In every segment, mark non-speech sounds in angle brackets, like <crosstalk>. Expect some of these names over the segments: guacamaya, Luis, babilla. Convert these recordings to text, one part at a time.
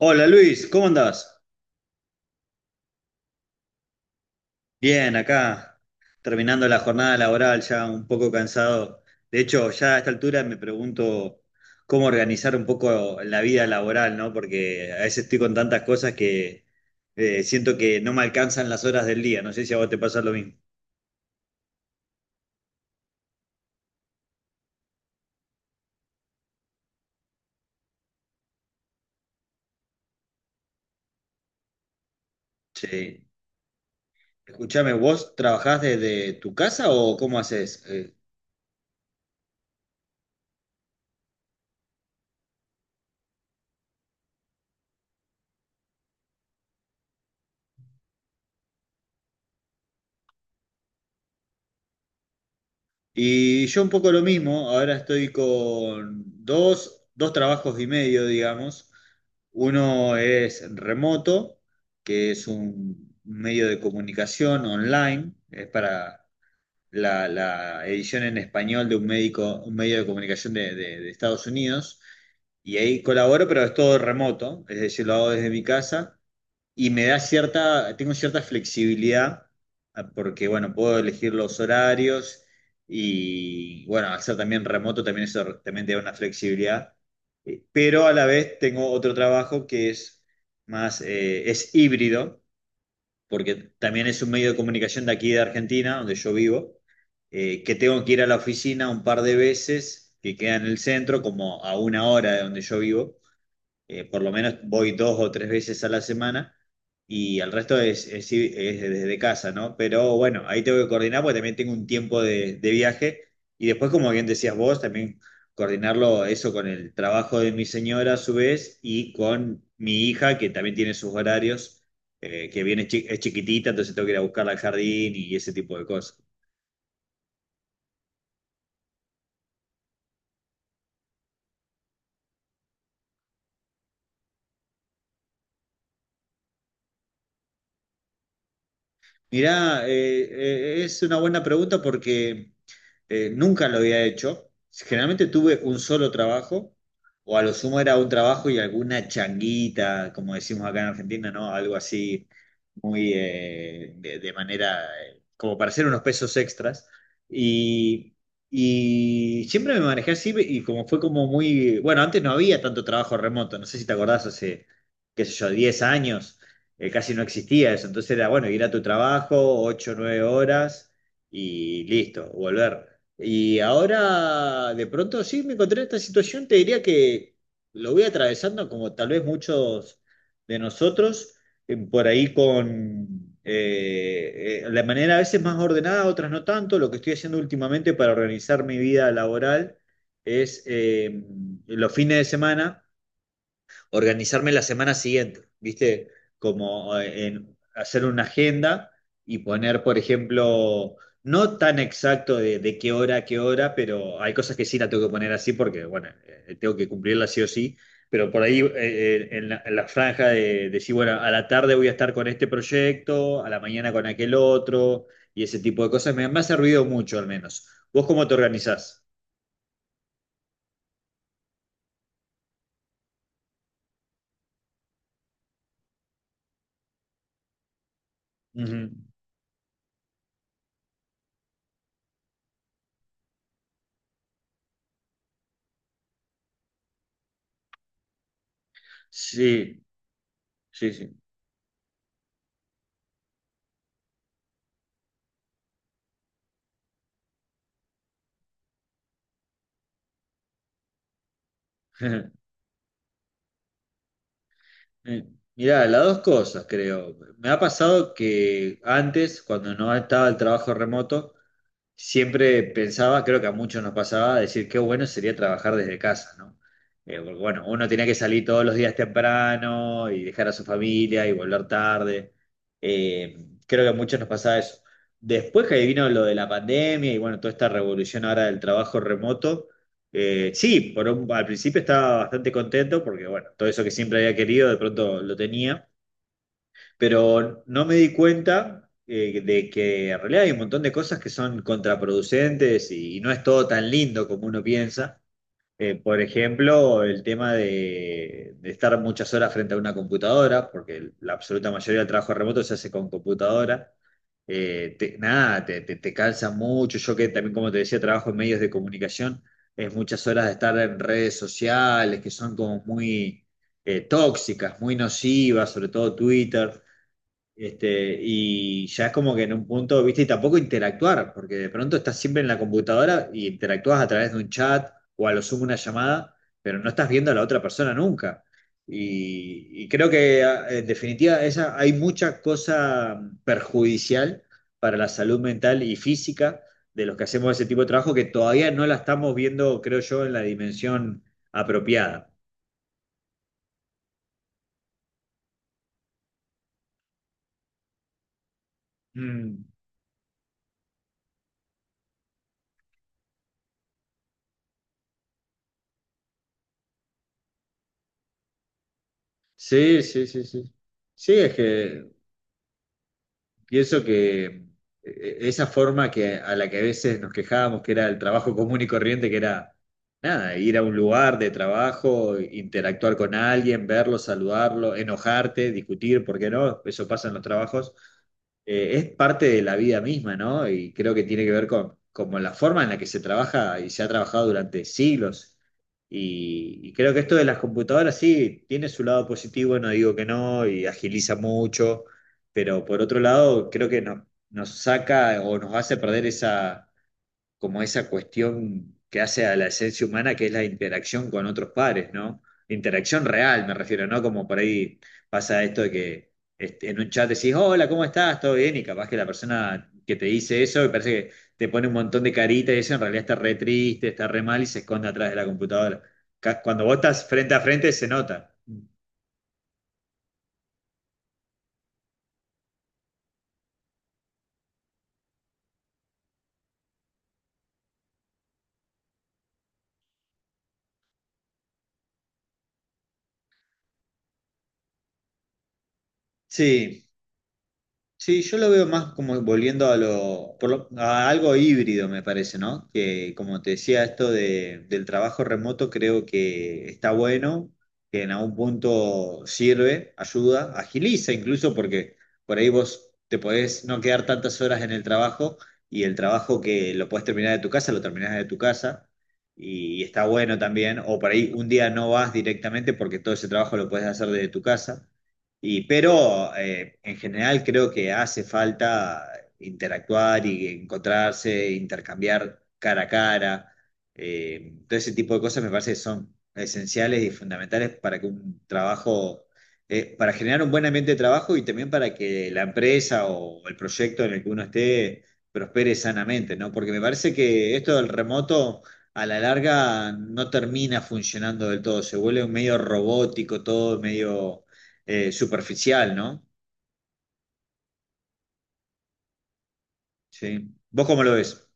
Hola Luis, ¿cómo andás? Bien, acá, terminando la jornada laboral, ya un poco cansado. De hecho, ya a esta altura me pregunto cómo organizar un poco la vida laboral, ¿no? Porque a veces estoy con tantas cosas que siento que no me alcanzan las horas del día. No sé si a vos te pasa lo mismo. Sí. Escuchame, ¿vos trabajás desde tu casa o cómo haces? Y yo un poco lo mismo, ahora estoy con dos trabajos y medio, digamos. Uno es remoto, que es un medio de comunicación online, es para la edición en español de un médico, un medio de comunicación de Estados Unidos. Y ahí colaboro, pero es todo remoto, es decir, lo hago desde mi casa y tengo cierta flexibilidad porque, bueno, puedo elegir los horarios y, bueno, al ser también remoto también eso también te da una flexibilidad. Pero a la vez tengo otro trabajo que es más, es híbrido, porque también es un medio de comunicación de aquí de Argentina, donde yo vivo, que tengo que ir a la oficina un par de veces, que queda en el centro, como a una hora de donde yo vivo. Por lo menos voy dos o tres veces a la semana y el resto es, es desde casa, ¿no? Pero bueno, ahí tengo que coordinar porque también tengo un tiempo de viaje y después, como bien decías vos, también coordinarlo eso con el trabajo de mi señora a su vez y con mi hija que también tiene sus horarios. Es chiquitita, entonces tengo que ir a buscarla al jardín y ese tipo de cosas. Mirá, es una buena pregunta porque nunca lo había hecho. Generalmente tuve un solo trabajo, o a lo sumo era un trabajo y alguna changuita, como decimos acá en Argentina, ¿no? Algo así muy de manera, como para hacer unos pesos extras. Y, y siempre me manejé así y como fue como muy, bueno, antes no había tanto trabajo remoto, no sé si te acordás, hace, qué sé yo, 10 años, casi no existía eso, entonces era, bueno, ir a tu trabajo, 8 9 horas y listo, volver. Y ahora, de pronto, sí, me encontré en esta situación, te diría que lo voy atravesando como tal vez muchos de nosotros por ahí con la manera a veces más ordenada, otras no tanto. Lo que estoy haciendo últimamente para organizar mi vida laboral es los fines de semana organizarme la semana siguiente, ¿viste? Como en hacer una agenda y poner, por ejemplo, no tan exacto de qué hora a qué hora, pero hay cosas que sí la tengo que poner así porque, bueno, tengo que cumplirla sí o sí. Pero por ahí en la franja de decir, bueno, a la tarde voy a estar con este proyecto, a la mañana con aquel otro, y ese tipo de cosas me ha servido mucho al menos. ¿Vos cómo te organizás? Ujú. Sí, sí, sí. <laughs> Eh, Mirá, las dos cosas creo. Me ha pasado que antes, cuando no estaba el trabajo remoto, siempre pensaba, creo que a muchos nos pasaba, decir qué bueno sería trabajar desde casa, ¿no? Porque, bueno, uno tenía que salir todos los días temprano y dejar a su familia y volver tarde. Eh, Creo que a muchos nos pasaba eso. Después que vino lo de la pandemia y bueno, toda esta revolución ahora del trabajo remoto, sí, al principio estaba bastante contento porque bueno, todo eso que siempre había querido de pronto lo tenía, pero no me di cuenta de que en realidad hay un montón de cosas que son contraproducentes y no es todo tan lindo como uno piensa. Por ejemplo, el tema de estar muchas horas frente a una computadora, porque la absoluta mayoría del trabajo remoto se hace con computadora. Nada, te cansa mucho. Yo que también, como te decía, trabajo en medios de comunicación, es muchas horas de estar en redes sociales que son como muy tóxicas, muy nocivas, sobre todo Twitter. Este, y ya es como que en un punto, viste, y tampoco interactuar, porque de pronto estás siempre en la computadora y interactúas a través de un chat o a lo sumo una llamada, pero no estás viendo a la otra persona nunca. Y creo que en definitiva esa, hay mucha cosa perjudicial para la salud mental y física de los que hacemos ese tipo de trabajo que todavía no la estamos viendo, creo yo, en la dimensión apropiada. Mm. Sí, sí, sí, sí. Sí, es que pienso que esa forma que, a la que a veces nos quejábamos, que era el trabajo común y corriente, que era nada, ir a un lugar de trabajo, interactuar con alguien, verlo, saludarlo, enojarte, discutir, ¿por qué no? Eso pasa en los trabajos, es parte de la vida misma, ¿no? Y creo que tiene que ver con, como la forma en la que se trabaja y se ha trabajado durante siglos. Y creo que esto de las computadoras sí tiene su lado positivo, no digo que no, y agiliza mucho, pero por otro lado creo que nos saca o nos hace perder esa como esa cuestión que hace a la esencia humana, que es la interacción con otros pares, ¿no? Interacción real, me refiero, ¿no? Como por ahí pasa esto de que este, en un chat decís, hola, ¿cómo estás? ¿Todo bien? Y capaz que la persona que te dice eso, me parece que te pone un montón de caritas y eso en realidad está re triste, está re mal y se esconde atrás de la computadora. Cuando vos estás frente a frente se nota. Sí. Sí, yo lo veo más como volviendo a lo, a algo híbrido, me parece, ¿no? Que como te decía, esto del trabajo remoto creo que está bueno, que en algún punto sirve, ayuda, agiliza incluso porque por ahí vos te podés no quedar tantas horas en el trabajo y el trabajo que lo podés terminar de tu casa, lo terminás de tu casa y está bueno también, o por ahí un día no vas directamente porque todo ese trabajo lo podés hacer desde tu casa. Y, pero en general creo que hace falta interactuar y encontrarse, intercambiar cara a cara. Todo ese tipo de cosas me parece que son esenciales y fundamentales para que un trabajo, para generar un buen ambiente de trabajo y también para que la empresa o el proyecto en el que uno esté prospere sanamente, ¿no? Porque me parece que esto del remoto a la larga no termina funcionando del todo, se vuelve medio robótico, todo medio superficial, ¿no? Sí. ¿Vos cómo lo ves?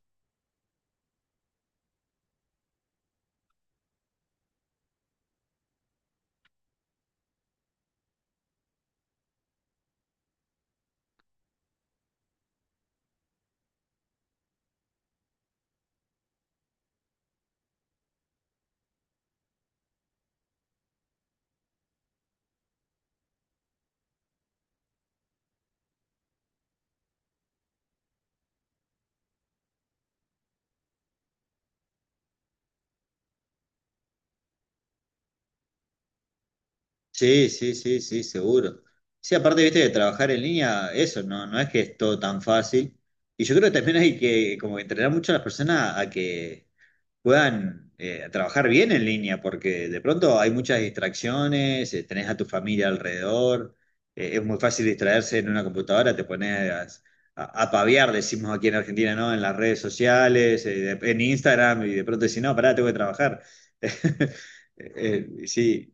Sí, sí, sí, sí, seguro. Sí, aparte, viste, de trabajar en línea, eso, no, no es que es todo tan fácil. Y yo creo que también hay que como entrenar mucho a las personas a que puedan trabajar bien en línea, porque de pronto hay muchas distracciones, tenés a tu familia alrededor, es muy fácil distraerse en una computadora, te pones a paviar, decimos aquí en Argentina, ¿no? En las redes sociales, en Instagram, y de pronto decís, no, pará, tengo que trabajar. <laughs> Sí,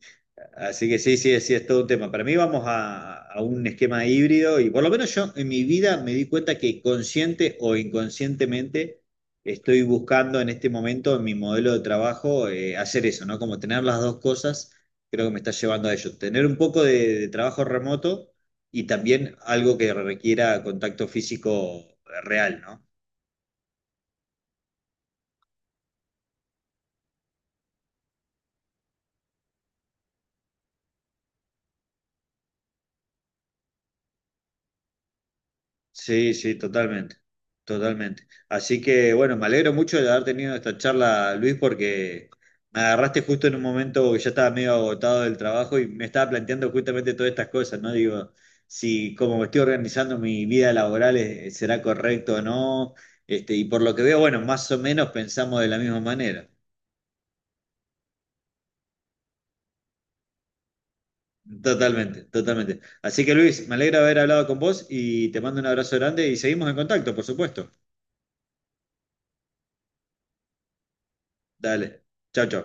así que sí, sí, sí, es todo un tema. Para mí vamos a un esquema híbrido y por lo menos yo en mi vida me di cuenta que consciente o inconscientemente, estoy buscando en este momento en mi modelo de trabajo hacer eso, ¿no? Como tener las dos cosas, creo que me está llevando a ello. Tener un poco de trabajo remoto y también algo que requiera contacto físico real, ¿no? Sí, sí, totalmente, totalmente. Así que bueno, me alegro mucho de haber tenido esta charla, Luis, porque me agarraste justo en un momento que ya estaba medio agotado del trabajo y me estaba planteando justamente todas estas cosas, ¿no? Digo, si como me estoy organizando mi vida laboral, ¿será correcto o no? Este, y por lo que veo, bueno, más o menos pensamos de la misma manera. Totalmente, totalmente. Así que Luis, me alegra haber hablado con vos y te mando un abrazo grande y seguimos en contacto, por supuesto. Dale, chao, chao.